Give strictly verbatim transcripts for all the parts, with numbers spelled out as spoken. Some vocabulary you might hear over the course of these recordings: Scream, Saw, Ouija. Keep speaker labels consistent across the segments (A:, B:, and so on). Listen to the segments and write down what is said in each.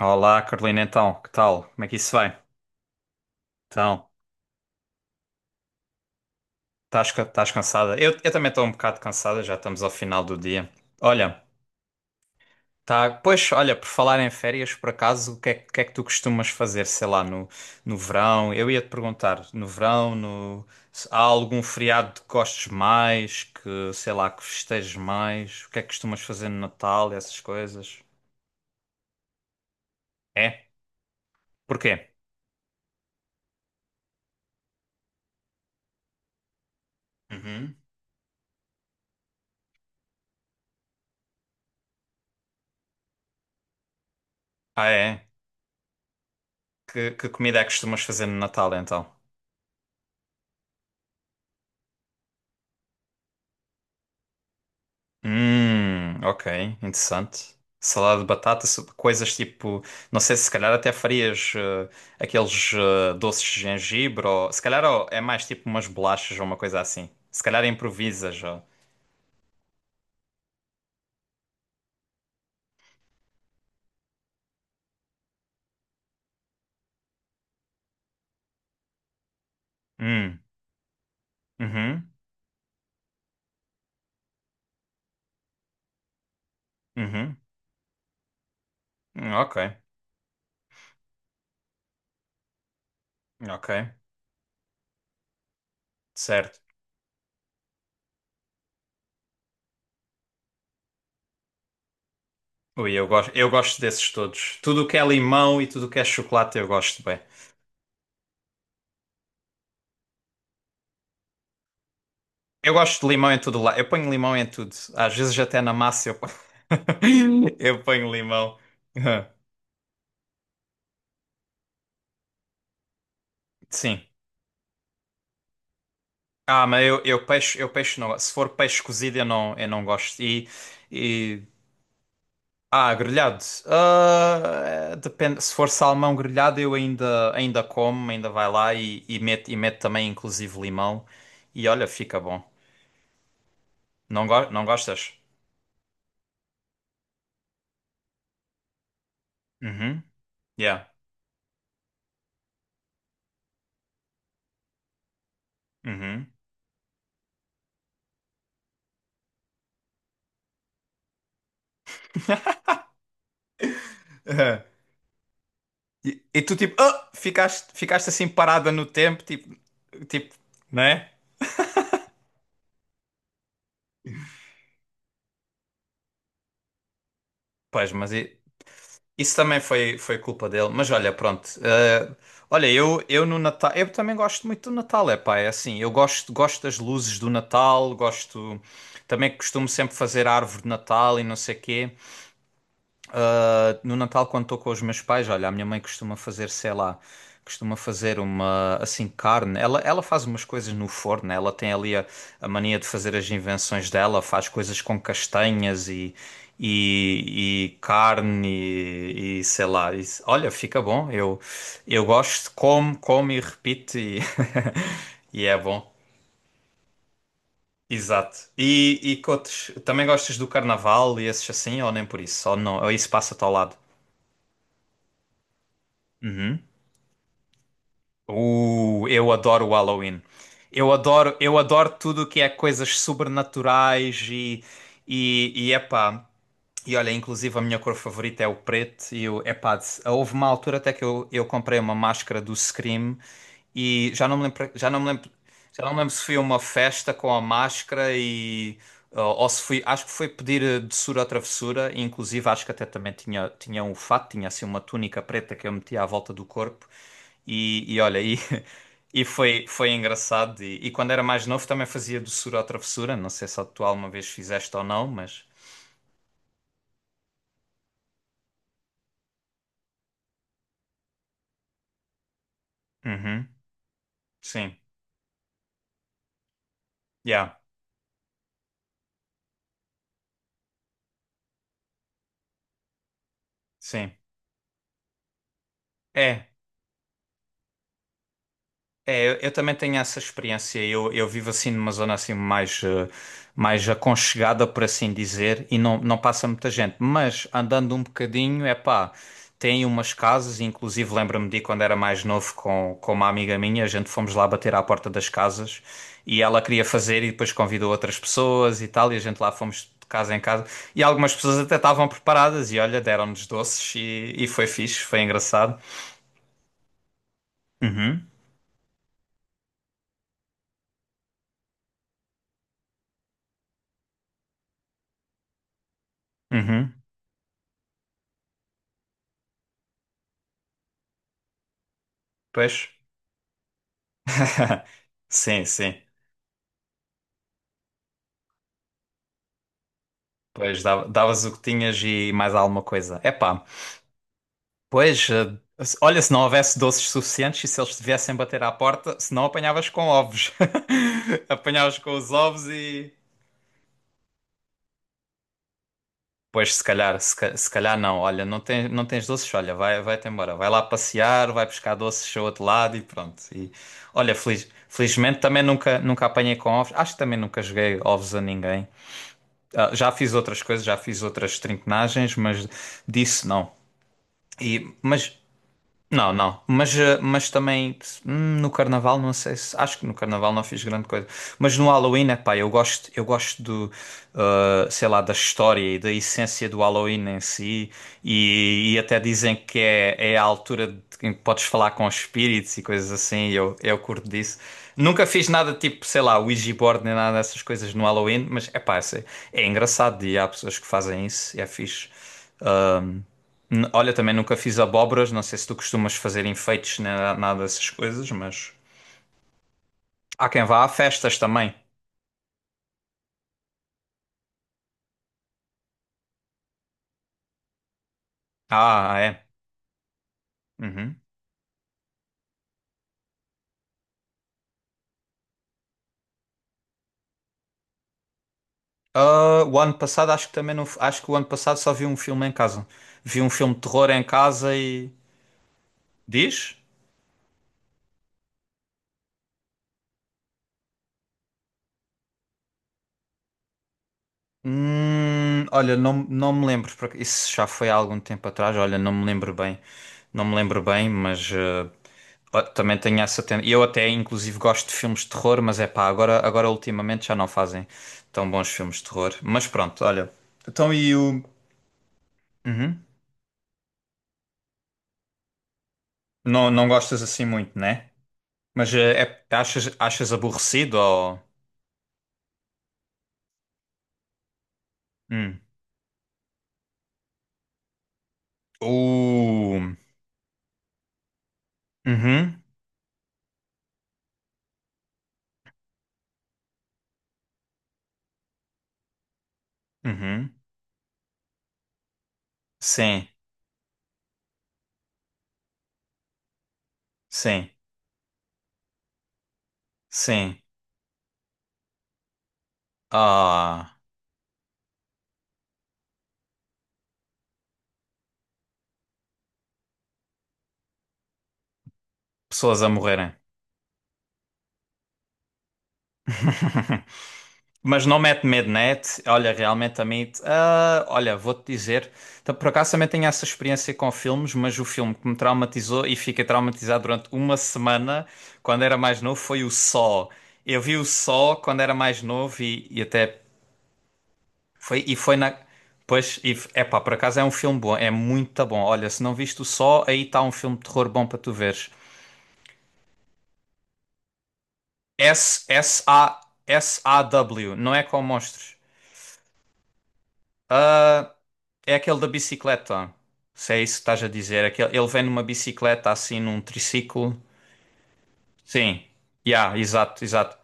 A: Olá, Carolina, então, que tal? Como é que isso vai? Então, estás, ca- estás cansada? Eu, eu também estou um bocado cansada, já estamos ao final do dia. Olha, tá, pois, olha, por falar em férias, por acaso, o que é, que que é que tu costumas fazer, sei lá, no, no verão? Eu ia-te perguntar, no verão, no, se há algum feriado que gostes mais, que, sei lá, que festejes mais? O que é que costumas fazer no Natal, e essas coisas? É? Porquê? Uhum. Ah, é? Que, que comida é que costumas fazer no Natal, então? Hum, ok, interessante. Salada de batata, su- coisas tipo, não sei se calhar até farias eh, aqueles eh, doces de gengibre ou se calhar ó, é mais tipo umas bolachas ou uma coisa assim. Se calhar improvisas. Ó. Hum, uhum, uhum, hum, ok, ok, certo. Ui, eu gosto, eu gosto desses todos. Tudo o que é limão e tudo o que é chocolate eu gosto bem. Eu gosto de limão em tudo lá. Eu ponho limão em tudo. Às vezes até na massa eu ponho, eu ponho limão. Sim. Ah, mas eu, eu peixe, eu peixe não. Se for peixe cozido, eu não, eu não gosto. E, e... Ah, grelhado. Ah, depende. Se for salmão grelhado, eu ainda, ainda como, ainda vai lá e, e mete, e mete também, inclusive, limão. E olha, fica bom. Não, go não gostas? Uhum. Yeah. Uhum. Uhum. E, e tu, tipo, ah, ficaste, ficaste assim parada no tempo, tipo, tipo, não é? Pois, mas e- Isso também foi, foi culpa dele, mas olha, pronto. Eh, olha, eu, eu no Natal, eu também gosto muito do Natal, é pá, é assim, eu gosto, gosto das luzes do Natal, gosto, também costumo sempre fazer a árvore de Natal e não sei quê. Ah, no Natal, quando estou com os meus pais, olha, a minha mãe costuma fazer, sei lá, costuma fazer uma, assim, carne. Ela, ela faz umas coisas no forno, né? Ela tem ali a, a mania de fazer as invenções dela, faz coisas com castanhas e, e, e carne e, e sei lá. E- olha, fica bom, eu, eu gosto, como, como e repito e, e é bom. Exato. E, e que outros? Também gostas do carnaval e esses assim, ou nem por isso? Ou não? Ou isso passa-te ao lado? Hum? Uh, eu adoro o Halloween. Eu adoro, eu adoro tudo o que é coisas sobrenaturais e, e, e epá. E olha, inclusive a minha cor favorita é o preto e o epá, de- houve uma altura até que eu, eu comprei uma máscara do Scream e já não me lembro, já não me lembro, já não me lembro se fui a uma festa com a máscara e ou, ou se fui, acho que foi pedir eh, doçura ou travessura, e inclusive acho que até também tinha tinha um fato, tinha assim uma túnica preta que eu metia à volta do corpo. E, e olha, e, e foi, foi engraçado. E, e quando era mais novo também fazia doçura ou travessura. Não sei se tu alguma vez fizeste ou não, mas. Uhum. Sim, yeah, sim. É, é, eu, eu também tenho essa experiência. Eu, eu vivo assim numa zona assim mais, eh, mais aconchegada, por assim dizer, e não, não passa muita gente. Mas andando um bocadinho, é pá, tem umas casas, inclusive lembro-me de quando era mais novo com, com uma amiga minha, a gente fomos lá bater à porta das casas e ela queria fazer e depois convidou outras pessoas e tal, e a gente lá fomos. De casa em casa, e algumas pessoas até estavam preparadas, e olha, deram-nos doces, e, e foi fixe, foi engraçado. Uhum. Uhum, pois. Sim, sim. Pois, dava- davas o que tinhas e mais alguma coisa. Epá, pois, eh, se- olha, se não houvesse doces suficientes e se eles te viessem bater à porta, se não apanhavas com ovos. Apanhavas com os ovos e... Pois, se calhar, se, ca- se calhar não. Olha, não, tem, não tens doces, olha, vai, vai-te embora. Vai lá passear, vai buscar doces ao outro lado e pronto. E olha, feliz- felizmente também nunca, nunca apanhei com ovos. Acho que também nunca joguei ovos a ninguém. Ah, já fiz outras coisas, já fiz outras trinquenagens, mas disso não. E, mas não, não, mas, eh, mas também hum, no Carnaval, não sei se. Acho que no Carnaval não fiz grande coisa. Mas no Halloween, epá, eu gosto, eu gosto do, eh, sei lá, da história e da essência do Halloween em si. E, e até dizem que é, é a altura de- em que podes falar com espíritos e coisas assim. E Eu, eu curto disso. Nunca fiz nada tipo, sei lá, Ouija board nem nada dessas coisas no Halloween, mas epá, é, é engraçado e há pessoas que fazem isso e é fixe. Ahm, N- Olha, também nunca fiz abóboras, não sei se tu costumas fazer enfeites nem na- nada dessas coisas, mas há quem vá a festas também. Ah, ah, é. Uhum. Ah, o ano passado acho que também não, f- acho que o ano passado só vi um filme em casa. Vi um filme de terror em casa e diz? Hum, olha, não, não me lembro, porque isso já foi há algum tempo atrás, olha, não me lembro bem, não me lembro bem, mas eh, ó, também tenho essa tendência. Eu até, inclusive, gosto de filmes de terror, mas é pá, agora, agora ultimamente já não fazem tão bons filmes de terror. Mas pronto, olha, então e o... Uhum. Não, não gostas assim muito, né? Mas eh, é, achas, achas aborrecido ou... Hum. Uh, uhum, uhum. Sim, sim, sim. Ah... pessoas a morrerem. Mas não mete medo, né? Olha, realmente a mim, ah, olha, vou-te dizer, então, por acaso também tenho essa experiência com filmes, mas o filme que me traumatizou e fiquei traumatizado durante uma semana quando era mais novo foi o Saw. Eu vi o Saw quando era mais novo e, e até foi e foi na pois, e, é pá, por acaso é um filme bom, é muito bom. Olha, se não viste o Saw, aí está um filme de terror bom para tu veres. S S A S A W, não é com monstros. É aquele da bicicleta. Se é isso que estás a dizer. Aquele, ele vem numa bicicleta assim, num triciclo. Sim. Yeah, exato, exato.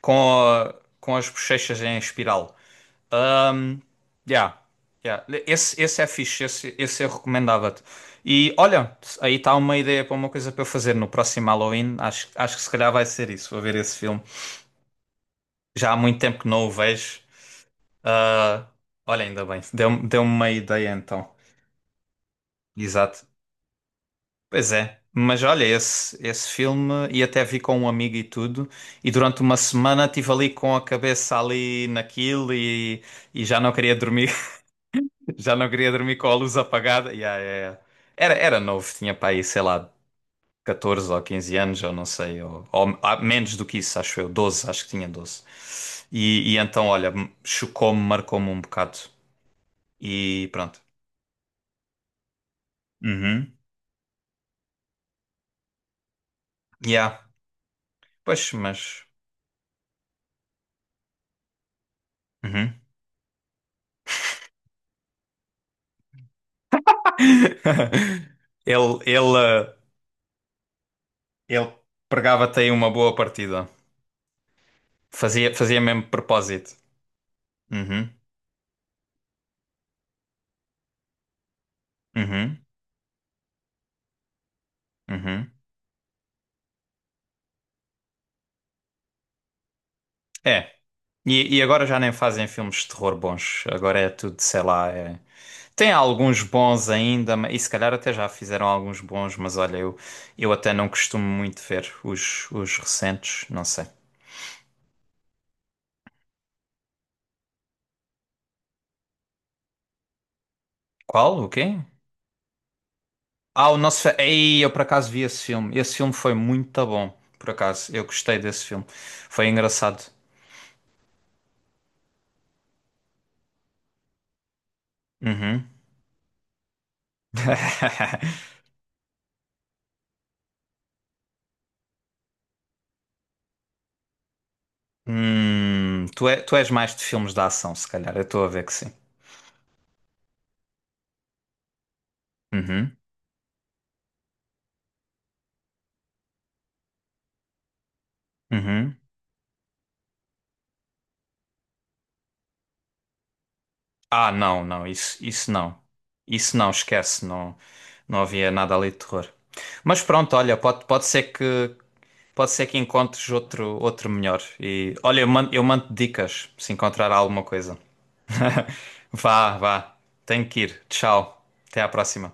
A: Com, a- com as bochechas em espiral. Um, yeah, yeah. Esse, esse é fixe, esse, esse eu recomendava-te. E olha, aí está uma ideia para uma coisa para eu fazer no próximo Halloween. Acho, acho que se calhar vai ser isso. Vou ver esse filme. Já há muito tempo que não o vejo. Ah, olha, ainda bem. Deu, deu-me uma ideia então. Exato. Pois é, mas olha, esse, esse filme, e até vi com um amigo e tudo, e durante uma semana estive ali com a cabeça ali naquilo e, e já não queria dormir, já não queria dormir com a luz apagada. Yeah, yeah, yeah. Era, era novo, tinha para aí, sei lá, catorze ou quinze anos, ou não sei, ou, ou ah, menos do que isso, acho eu, doze acho que tinha doze. E, e então, olha, chocou-me, marcou-me um bocado. E pronto. Uhum. Yeah, pois, mas. Uhum. Ele, ele, eh, Ele pregava-te aí uma boa partida. Fazia, fazia mesmo propósito. Uhum, uhum, uhum. É. E, e agora já nem fazem filmes de terror bons. Agora é tudo, sei lá. é- Tem alguns bons ainda, ma- e se calhar até já fizeram alguns bons, mas olha, eu, eu até não costumo muito ver os, os recentes. Não sei. Qual? O quê? Ah, o nosso. Fe- Ei, eu por acaso vi esse filme. Esse filme foi muito bom. Por acaso, eu gostei desse filme. Foi engraçado. Uhum. Hum, tu, é- tu és mais de filmes de ação, se calhar. Eu estou a ver que sim. Uhum. Uhum. Ah, não, não, isso, isso não. Isso não, esquece, não, não havia nada ali de terror. Mas pronto, olha, pode, pode ser que pode ser que encontres outro outro melhor. E olha, eu mando, eu mando dicas se encontrar alguma coisa. Vá, vá. Tenho que ir. Tchau. Até à próxima.